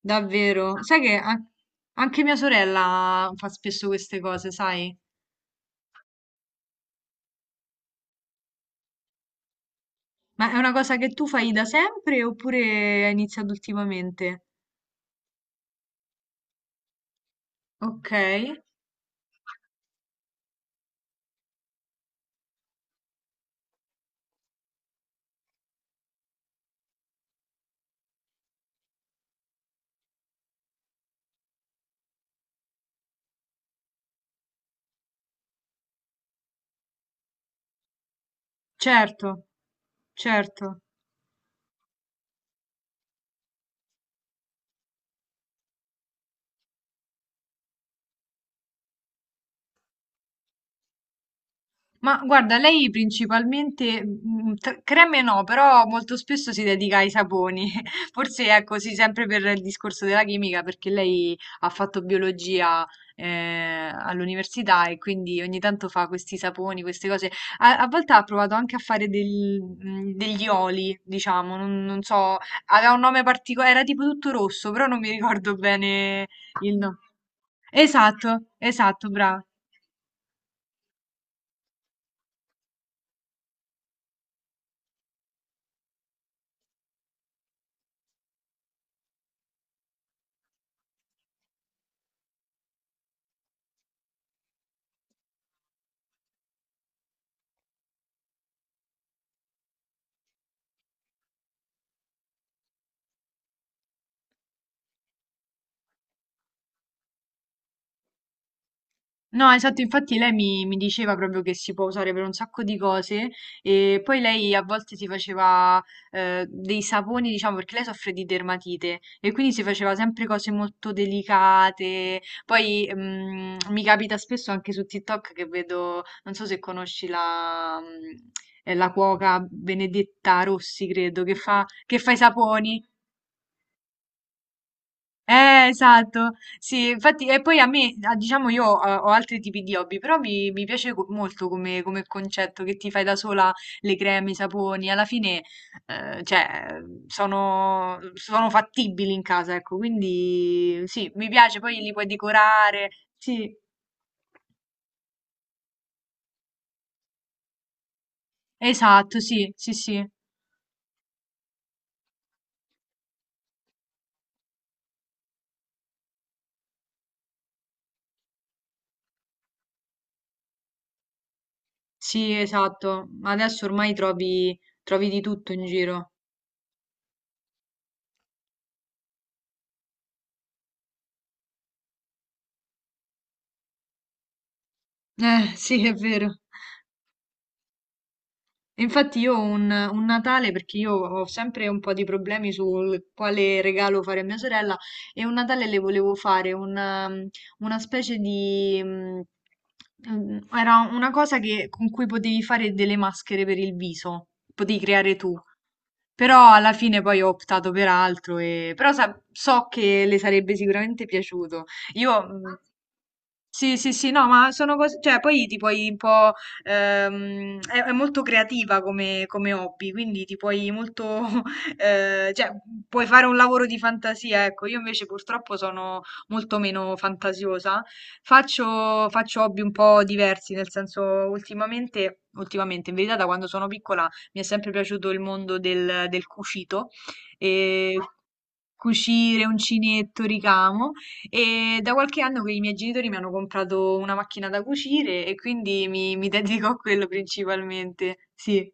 Davvero? Anche mia sorella fa spesso queste cose, sai? Ma è una cosa che tu fai da sempre oppure hai iniziato ultimamente? Ok, certo, certo. Ma guarda, lei principalmente, creme no, però molto spesso si dedica ai saponi. Forse è così sempre per il discorso della chimica, perché lei ha fatto biologia all'università e quindi ogni tanto fa questi saponi, queste cose. A volte ha provato anche a fare degli oli, diciamo, non so, aveva un nome particolare, era tipo tutto rosso, però non mi ricordo bene il nome. Esatto, esatto, brava. No, esatto, infatti lei mi diceva proprio che si può usare per un sacco di cose e poi lei a volte si faceva dei saponi, diciamo, perché lei soffre di dermatite e quindi si faceva sempre cose molto delicate. Poi mi capita spesso anche su TikTok che vedo, non so se conosci la cuoca Benedetta Rossi, credo, che fa i saponi. Eh, esatto, sì, infatti, e poi a me, ah, diciamo, ho altri tipi di hobby, però mi piace molto come, come concetto che ti fai da sola le creme, i saponi, alla fine, cioè, sono fattibili in casa, ecco, quindi sì, mi piace, poi li puoi decorare, sì, esatto, sì, sì, sì, sì, esatto, ma adesso ormai trovi di tutto in giro, sì, è vero. E infatti io ho un Natale, perché io ho sempre un po' di problemi sul quale regalo fare a mia sorella, e un Natale le volevo fare una specie di... era una cosa con cui potevi fare delle maschere per il viso, potevi creare tu. Però alla fine poi ho optato per altro, e... però so che le sarebbe sicuramente piaciuto. Io mm, sì, sì, sì, no, ma sono cose, cioè poi ti puoi un po', è molto creativa come, come hobby, quindi ti puoi molto, cioè puoi fare un lavoro di fantasia, ecco, io invece purtroppo sono molto meno fantasiosa, faccio hobby un po' diversi, nel senso ultimamente, in verità da quando sono piccola mi è sempre piaciuto il mondo del cucito, e cucire, uncinetto, ricamo. E da qualche anno che i miei genitori mi hanno comprato una macchina da cucire e quindi mi dedico a quello principalmente. Sì.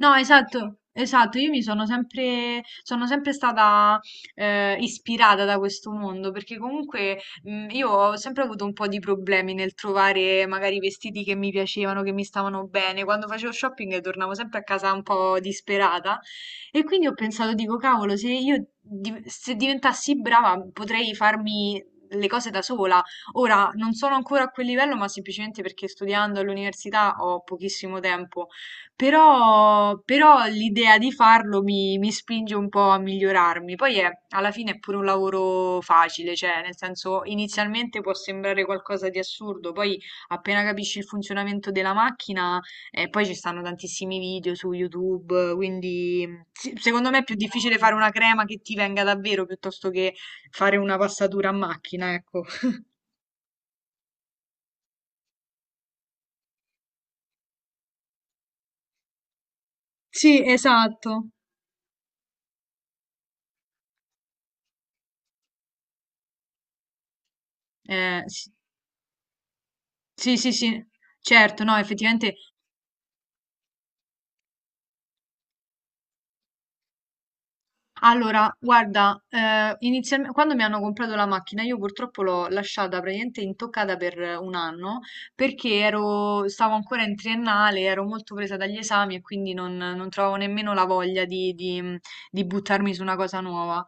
No, esatto, esatto, io mi sono sono sempre stata ispirata da questo mondo, perché comunque io ho sempre avuto un po' di problemi nel trovare magari vestiti che mi piacevano, che mi stavano bene. Quando facevo shopping tornavo sempre a casa un po' disperata e quindi ho pensato, dico, cavolo, se diventassi brava potrei farmi le cose da sola. Ora non sono ancora a quel livello, ma semplicemente perché studiando all'università ho pochissimo tempo però, però l'idea di farlo mi spinge un po' a migliorarmi. Poi è, alla fine è pure un lavoro facile, cioè nel senso inizialmente può sembrare qualcosa di assurdo, poi appena capisci il funzionamento della macchina, poi ci stanno tantissimi video su YouTube, quindi sì, secondo me è più difficile fare una crema che ti venga davvero piuttosto che fare una passatura a macchina, ecco. Sì, esatto. Sì, sì, sì, sì. Certo, no, effettivamente. Allora, guarda, inizialmente, quando mi hanno comprato la macchina, io purtroppo l'ho lasciata praticamente intoccata per un anno perché stavo ancora in triennale, ero molto presa dagli esami e quindi non trovavo nemmeno la voglia di buttarmi su una cosa nuova.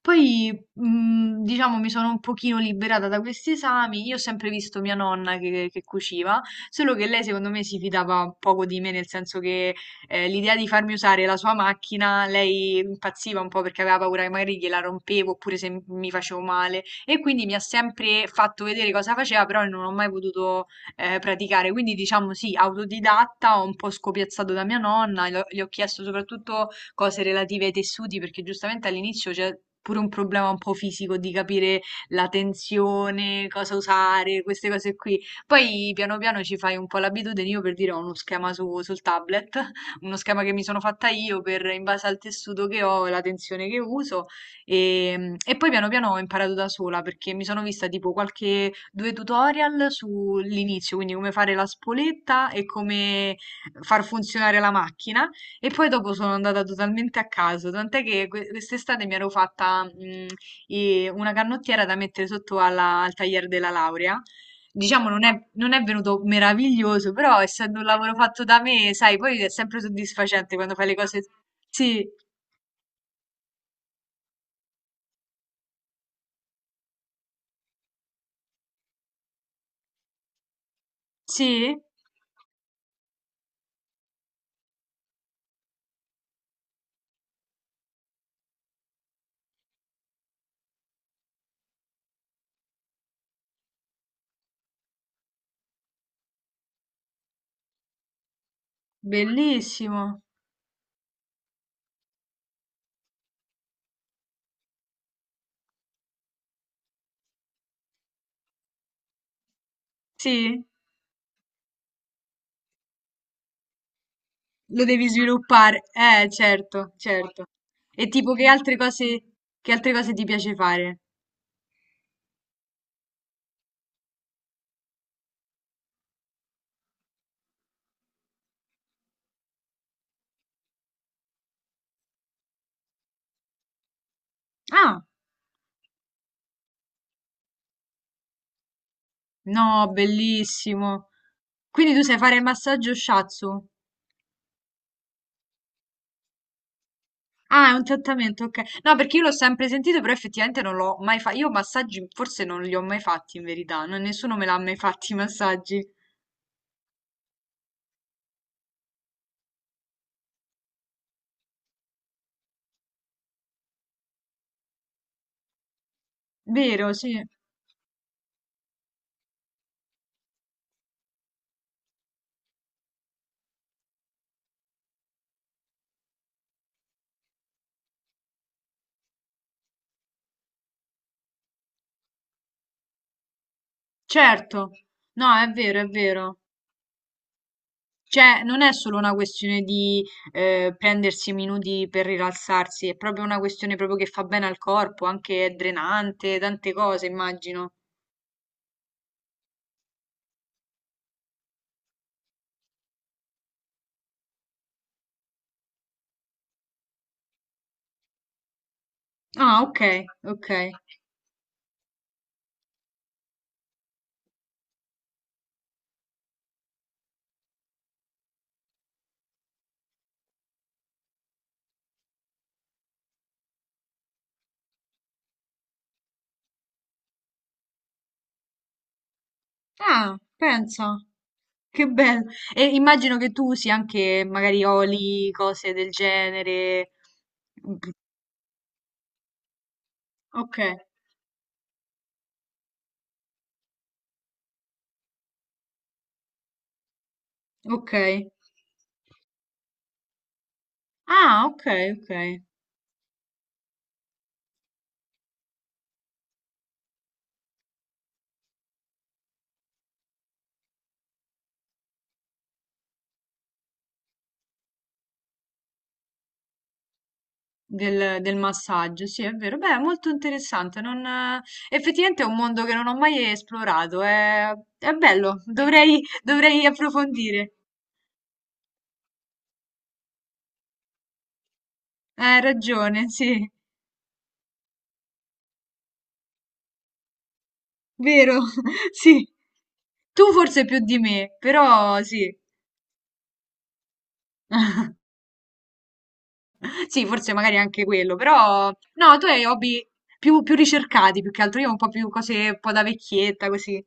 Poi, diciamo, mi sono un pochino liberata da questi esami. Io ho sempre visto mia nonna che cuciva, solo che lei, secondo me, si fidava poco di me, nel senso che l'idea di farmi usare la sua macchina, lei impazziva un po' perché aveva paura che magari gliela rompevo oppure se mi facevo male e quindi mi ha sempre fatto vedere cosa faceva, però non ho mai potuto praticare. Quindi diciamo sì, autodidatta, ho un po' scopiazzato da mia nonna, gli ho chiesto soprattutto cose relative ai tessuti perché giustamente all'inizio c'è pure un problema un po' fisico di capire la tensione, cosa usare, queste cose qui. Poi piano piano ci fai un po' l'abitudine, io per dire ho uno schema sul tablet, uno schema che mi sono fatta io per, in base al tessuto che ho e la tensione che uso. E poi piano piano ho imparato da sola perché mi sono vista tipo qualche due tutorial sull'inizio, quindi come fare la spoletta e come far funzionare la macchina. E poi dopo sono andata totalmente a caso, tant'è che quest'estate mi ero fatta una canottiera da mettere al tagliere della laurea. Diciamo non è venuto meraviglioso, però essendo un lavoro fatto da me, sai, poi è sempre soddisfacente quando fai le cose. Sì, sì, bellissimo. Sì, lo devi sviluppare. Certo, certo. E tipo che altre cose ti piace fare? Ah, no, bellissimo. Quindi tu sai fare il massaggio shiatsu? Ah, è un trattamento, ok. No, perché io l'ho sempre sentito, però effettivamente non l'ho mai fatto. Io massaggi forse non li ho mai fatti in verità, nessuno me l'ha mai fatti i massaggi. Vero, sì. Certo. No, è vero, è vero. Cioè, non è solo una questione di prendersi minuti per rilassarsi, è proprio una questione proprio che fa bene al corpo, anche è drenante, tante cose, immagino. Ah, ok, ok. Ah, pensa. Che bello. E immagino che tu usi anche magari oli, cose del genere. Ok, ok. Ah, ok, ok. Del, del massaggio, sì, è vero. Beh, è molto interessante. Non, effettivamente è un mondo che non ho mai esplorato. È bello, dovrei approfondire. Hai ragione, sì, vero, sì. Tu forse più di me, però sì. Sì, forse magari anche quello, però no, tu hai hobby più ricercati più che altro, io ho un po' più cose un po' da vecchietta così.